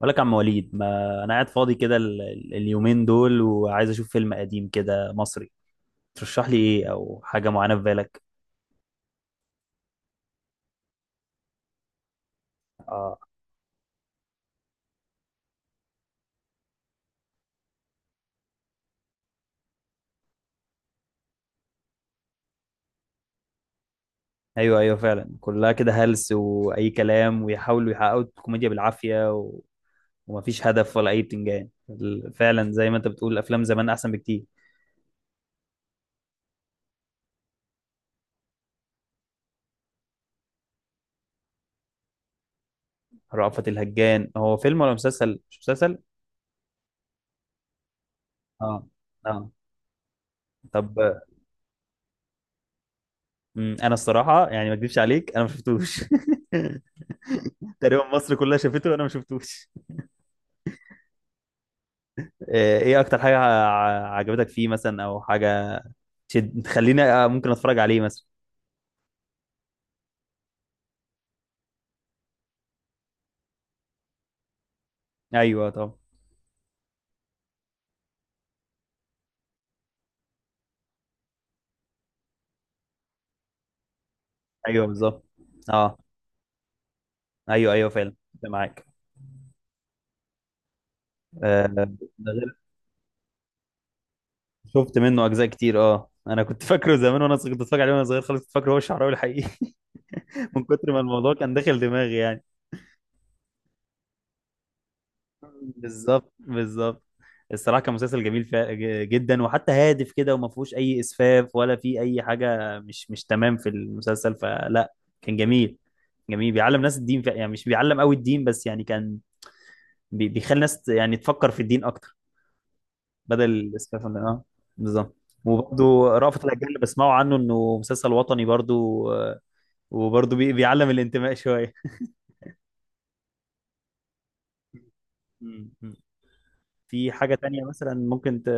بقول لك يا عم وليد، ما انا قاعد فاضي كده اليومين دول وعايز اشوف فيلم قديم كده مصري. ترشح لي ايه او حاجه معينه في بالك؟ اه، ايوه ايوه فعلا كلها كده هلس واي كلام، ويحاولوا يحققوا الكوميديا بالعافيه ومفيش هدف ولا اي بتنجان. فعلا زي ما انت بتقول افلام زمان احسن بكتير. رأفت الهجان هو فيلم ولا مسلسل؟ مش مسلسل. اه. اه. طب، انا الصراحه يعني ما اكذبش عليك انا ما شفتوش. تقريبا مصر كلها شافته وانا ما شفتوش. آه، ايه اكتر حاجه عجبتك فيه مثلا، او حاجه تشد تخليني آه، ممكن اتفرج عليه مثلا؟ ايوه طبعا. ايوه بالظبط. اه، ايوه ايوه فعلا. أنا معاك. آه، ده غير. شفت منه اجزاء كتير، اه، انا كنت فاكره زمان وانا كنت اتفرج عليه وانا صغير خالص، كنت فاكره هو الشعراوي الحقيقي. من كتر ما الموضوع كان داخل دماغي يعني. بالظبط بالظبط. الصراحه كان مسلسل جميل جدا، وحتى هادف كده، وما فيهوش اي اسفاف ولا في اي حاجه مش تمام في المسلسل فلا. كان جميل. جميل بيعلم ناس الدين، يعني مش بيعلم قوي الدين بس، يعني كان بيخلي ناس يعني تفكر في الدين اكتر، بدل الاسفاف اه. بالظبط. وبرضه رأفت الهجان اللي بسمعه عنه انه مسلسل وطني برضه. آه، وبرضه بيعلم الانتماء شويه. م- م. في حاجه تانية مثلا ممكن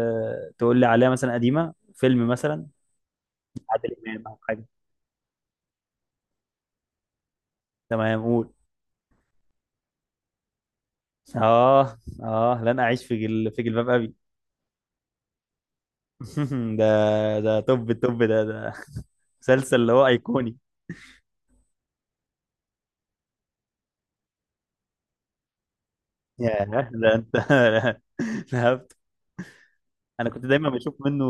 تقول لي عليها مثلا قديمه، فيلم مثلا؟ الإمام أو حاجة؟ تمام، قول. اه اه، لن اعيش في جلباب ابي. ده، ده توب التوب ده، ده مسلسل اللي هو ايقوني. ياه، ده انت. فهمت. انا كنت دايما بشوف منه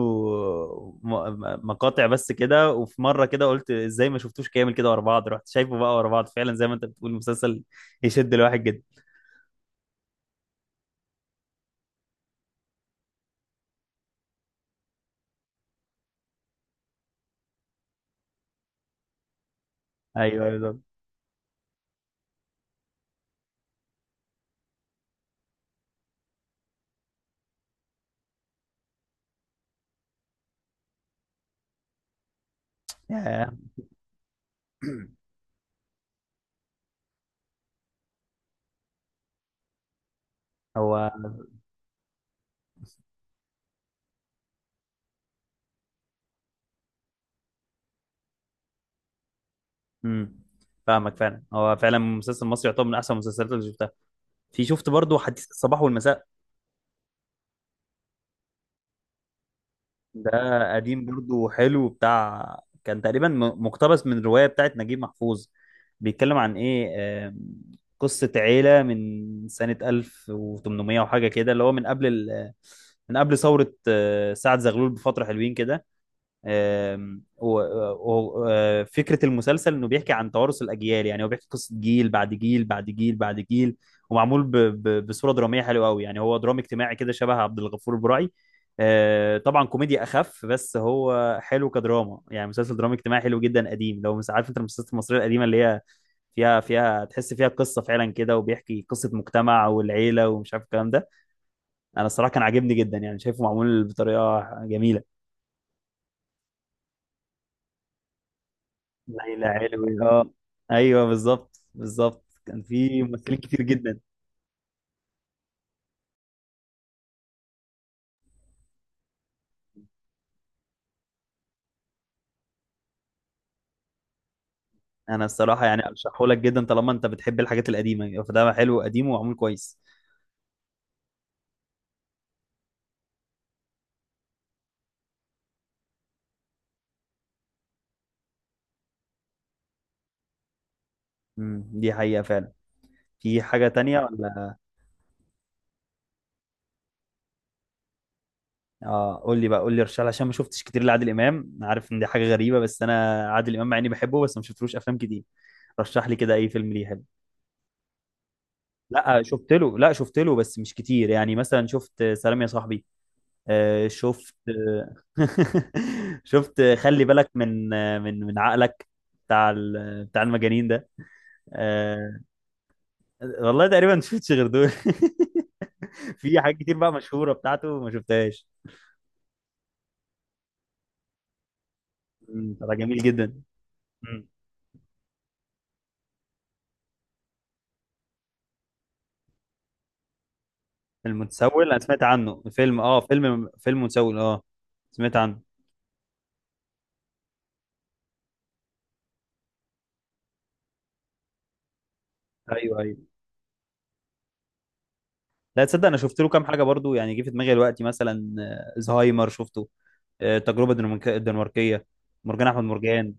مقاطع بس كده، وفي مره كده قلت ازاي ما شفتوش كامل كده ورا بعض، رحت شايفه بقى ورا بعض، فعلا زي ما انت بتقول مسلسل يشد الواحد جدا. ايوه ايوه بالظبط. ياه. هو. امم، فاهمك. فعلا هو فعلا مسلسل مصري يعتبر من احسن المسلسلات اللي شفتها. في، شفت برضو حديث الصباح والمساء ده، قديم برضو حلو بتاع. كان تقريبا مقتبس من رواية بتاعت نجيب محفوظ. بيتكلم عن ايه؟ آم، قصة عيلة من سنة 1800 وحاجة كده، اللي هو من قبل من قبل ثورة آه، سعد زغلول بفترة حلوين كده. آم، فكرة المسلسل انه بيحكي عن توارث الاجيال، يعني هو بيحكي قصة جيل بعد جيل بعد جيل بعد جيل. ومعمول بصورة درامية حلوة قوي، يعني هو درامي اجتماعي كده شبه عبد الغفور البرعي. آه، طبعا كوميديا اخف، بس هو حلو كدراما، يعني مسلسل درامي اجتماعي حلو جدا قديم. لو مش عارف انت المسلسلات المصرية القديمة اللي هي فيها، فيها تحس فيها قصة فعلا كده، وبيحكي قصة مجتمع والعيلة ومش عارف الكلام ده. انا الصراحة كان عاجبني جدا يعني، شايفه معمول بطريقة جميلة. ليلى علوي، اه. ايوه بالظبط بالظبط، كان في ممثلين كتير جدا. انا الصراحه يعني ارشحه لك جدا، طالما انت بتحب الحاجات القديمه يعني، فده حلو قديم ومعمول كويس. امم، دي حقيقه فعلا. في حاجه تانية ولا؟ اه، قول لي بقى، قول لي، ارشح لي، عشان ما شفتش كتير لعادل امام. أنا عارف ان دي حاجه غريبه، بس انا عادل امام مع اني بحبه بس ما شفتلوش افلام كتير. رشح لي كده اي فيلم ليه حلو. لا شفت له، لا شفت له، بس مش كتير. يعني مثلا شفت سلام يا صاحبي، آه، شفت شفت خلي بالك من، من، عقلك، بتاع بتاع المجانين ده. آه. والله تقريبا ما شفتش غير دول. في حاجات كتير بقى مشهورة بتاعته ما شفتهاش. مم، طلع جميل جدا. مم. المتسول، انا سمعت عنه، فيلم؟ اه، فيلم، متسول، اه سمعت عنه. ايوه ايوه. لا تصدق انا شفت له كام حاجه برضو، يعني جه في دماغي دلوقتي مثلا آه، زهايمر شفته، آه، التجربه الدنماركيه، مرجان احمد مرجان.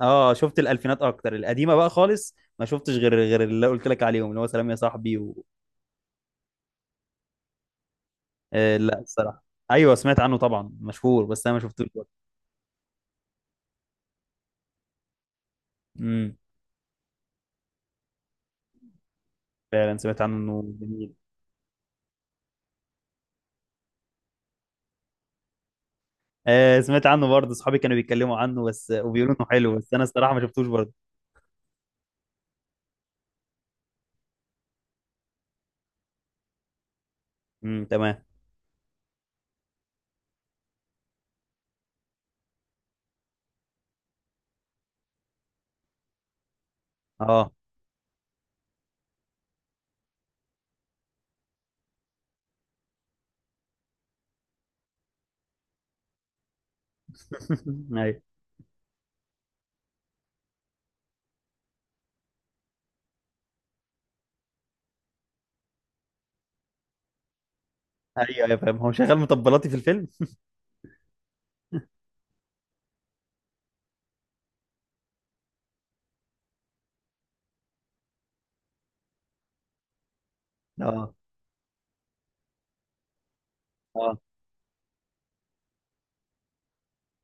اه شفت الالفينات اكتر، القديمه بقى خالص ما شفتش غير، غير اللي قلت لك عليهم اللي هو سلام يا صاحبي آه، لا الصراحه. ايوه سمعت عنه طبعا، مشهور، بس انا ما شفتوش برضه. امم. فعلا سمعت عنه انه جميل. آه سمعت عنه برضه، اصحابي كانوا بيتكلموا عنه بس، وبيقولوا انه حلو، بس انا الصراحه ما شفتوش برضه. تمام. اه. ايوه. ايوه ايوه فاهم، هو شغال مطبلاتي في الفيلم. اه اه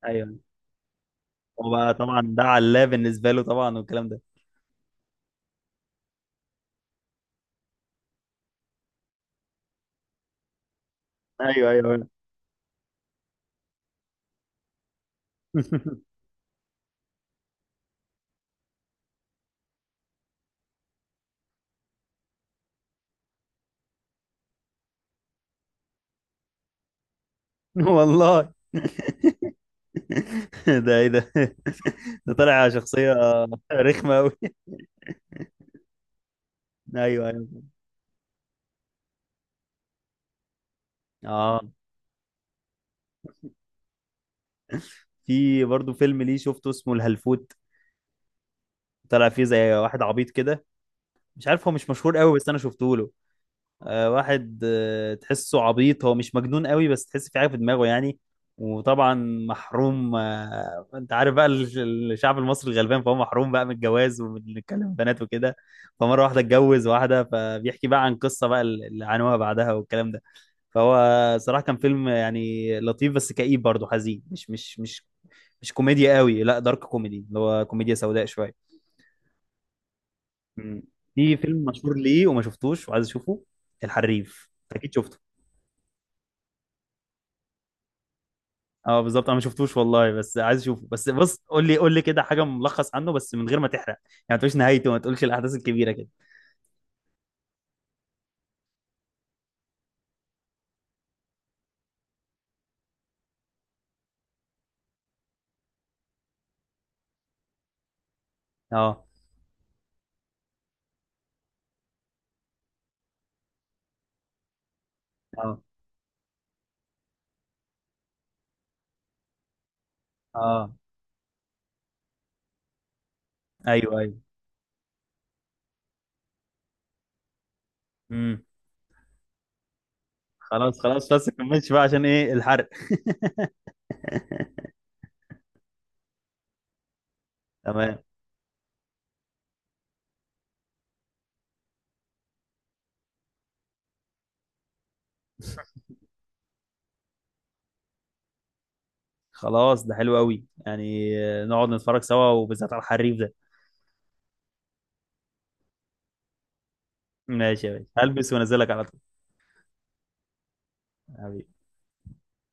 ايوه. هو بقى طبعا ده علاه بالنسبه له طبعا والكلام ده. ايوه ايوه. والله. ده ايه ده؟ ده طالع شخصية رخمة أوي. أيوه أيوه. آه، في برضه فيلم ليه شفته اسمه الهلفوت، طلع فيه زي واحد عبيط كده، مش عارف، هو مش مشهور قوي بس أنا شفته له. آه واحد آه تحسه عبيط، هو مش مجنون قوي بس تحس في حاجة في دماغه يعني. وطبعا محروم، آه انت عارف بقى الشعب المصري الغلبان، فهو محروم بقى من الجواز ومن الكلام بنات وكده، فمرة واحدة اتجوز واحدة، فبيحكي بقى عن قصة بقى اللي عانوها بعدها والكلام ده. فهو صراحة كان فيلم يعني لطيف بس كئيب برضه، حزين، مش كوميديا قوي، لا دارك كوميدي، اللي هو كوميديا سوداء شوية. مم. في فيلم مشهور ليه وما شفتوش وعايز اشوفه، الحريف، أنت اكيد شفته. اه بالظبط، انا ما شفتوش والله بس عايز اشوفه، بس بص قول لي، قول لي كده حاجة ملخص عنه بس من غير ما تحرق يعني، ما تقولش نهايته، ما تقولش الاحداث الكبيرة كده. اه اه اه. ايوه ايوه. امم. خلاص خلاص، بس ما تكملش بقى عشان ايه الحرق. تمام خلاص، ده حلو قوي يعني، آه، نقعد نتفرج سوا وبالذات على الحريف ده. ماشي يا باشا، هلبس وانزلك على طول. حبيبي.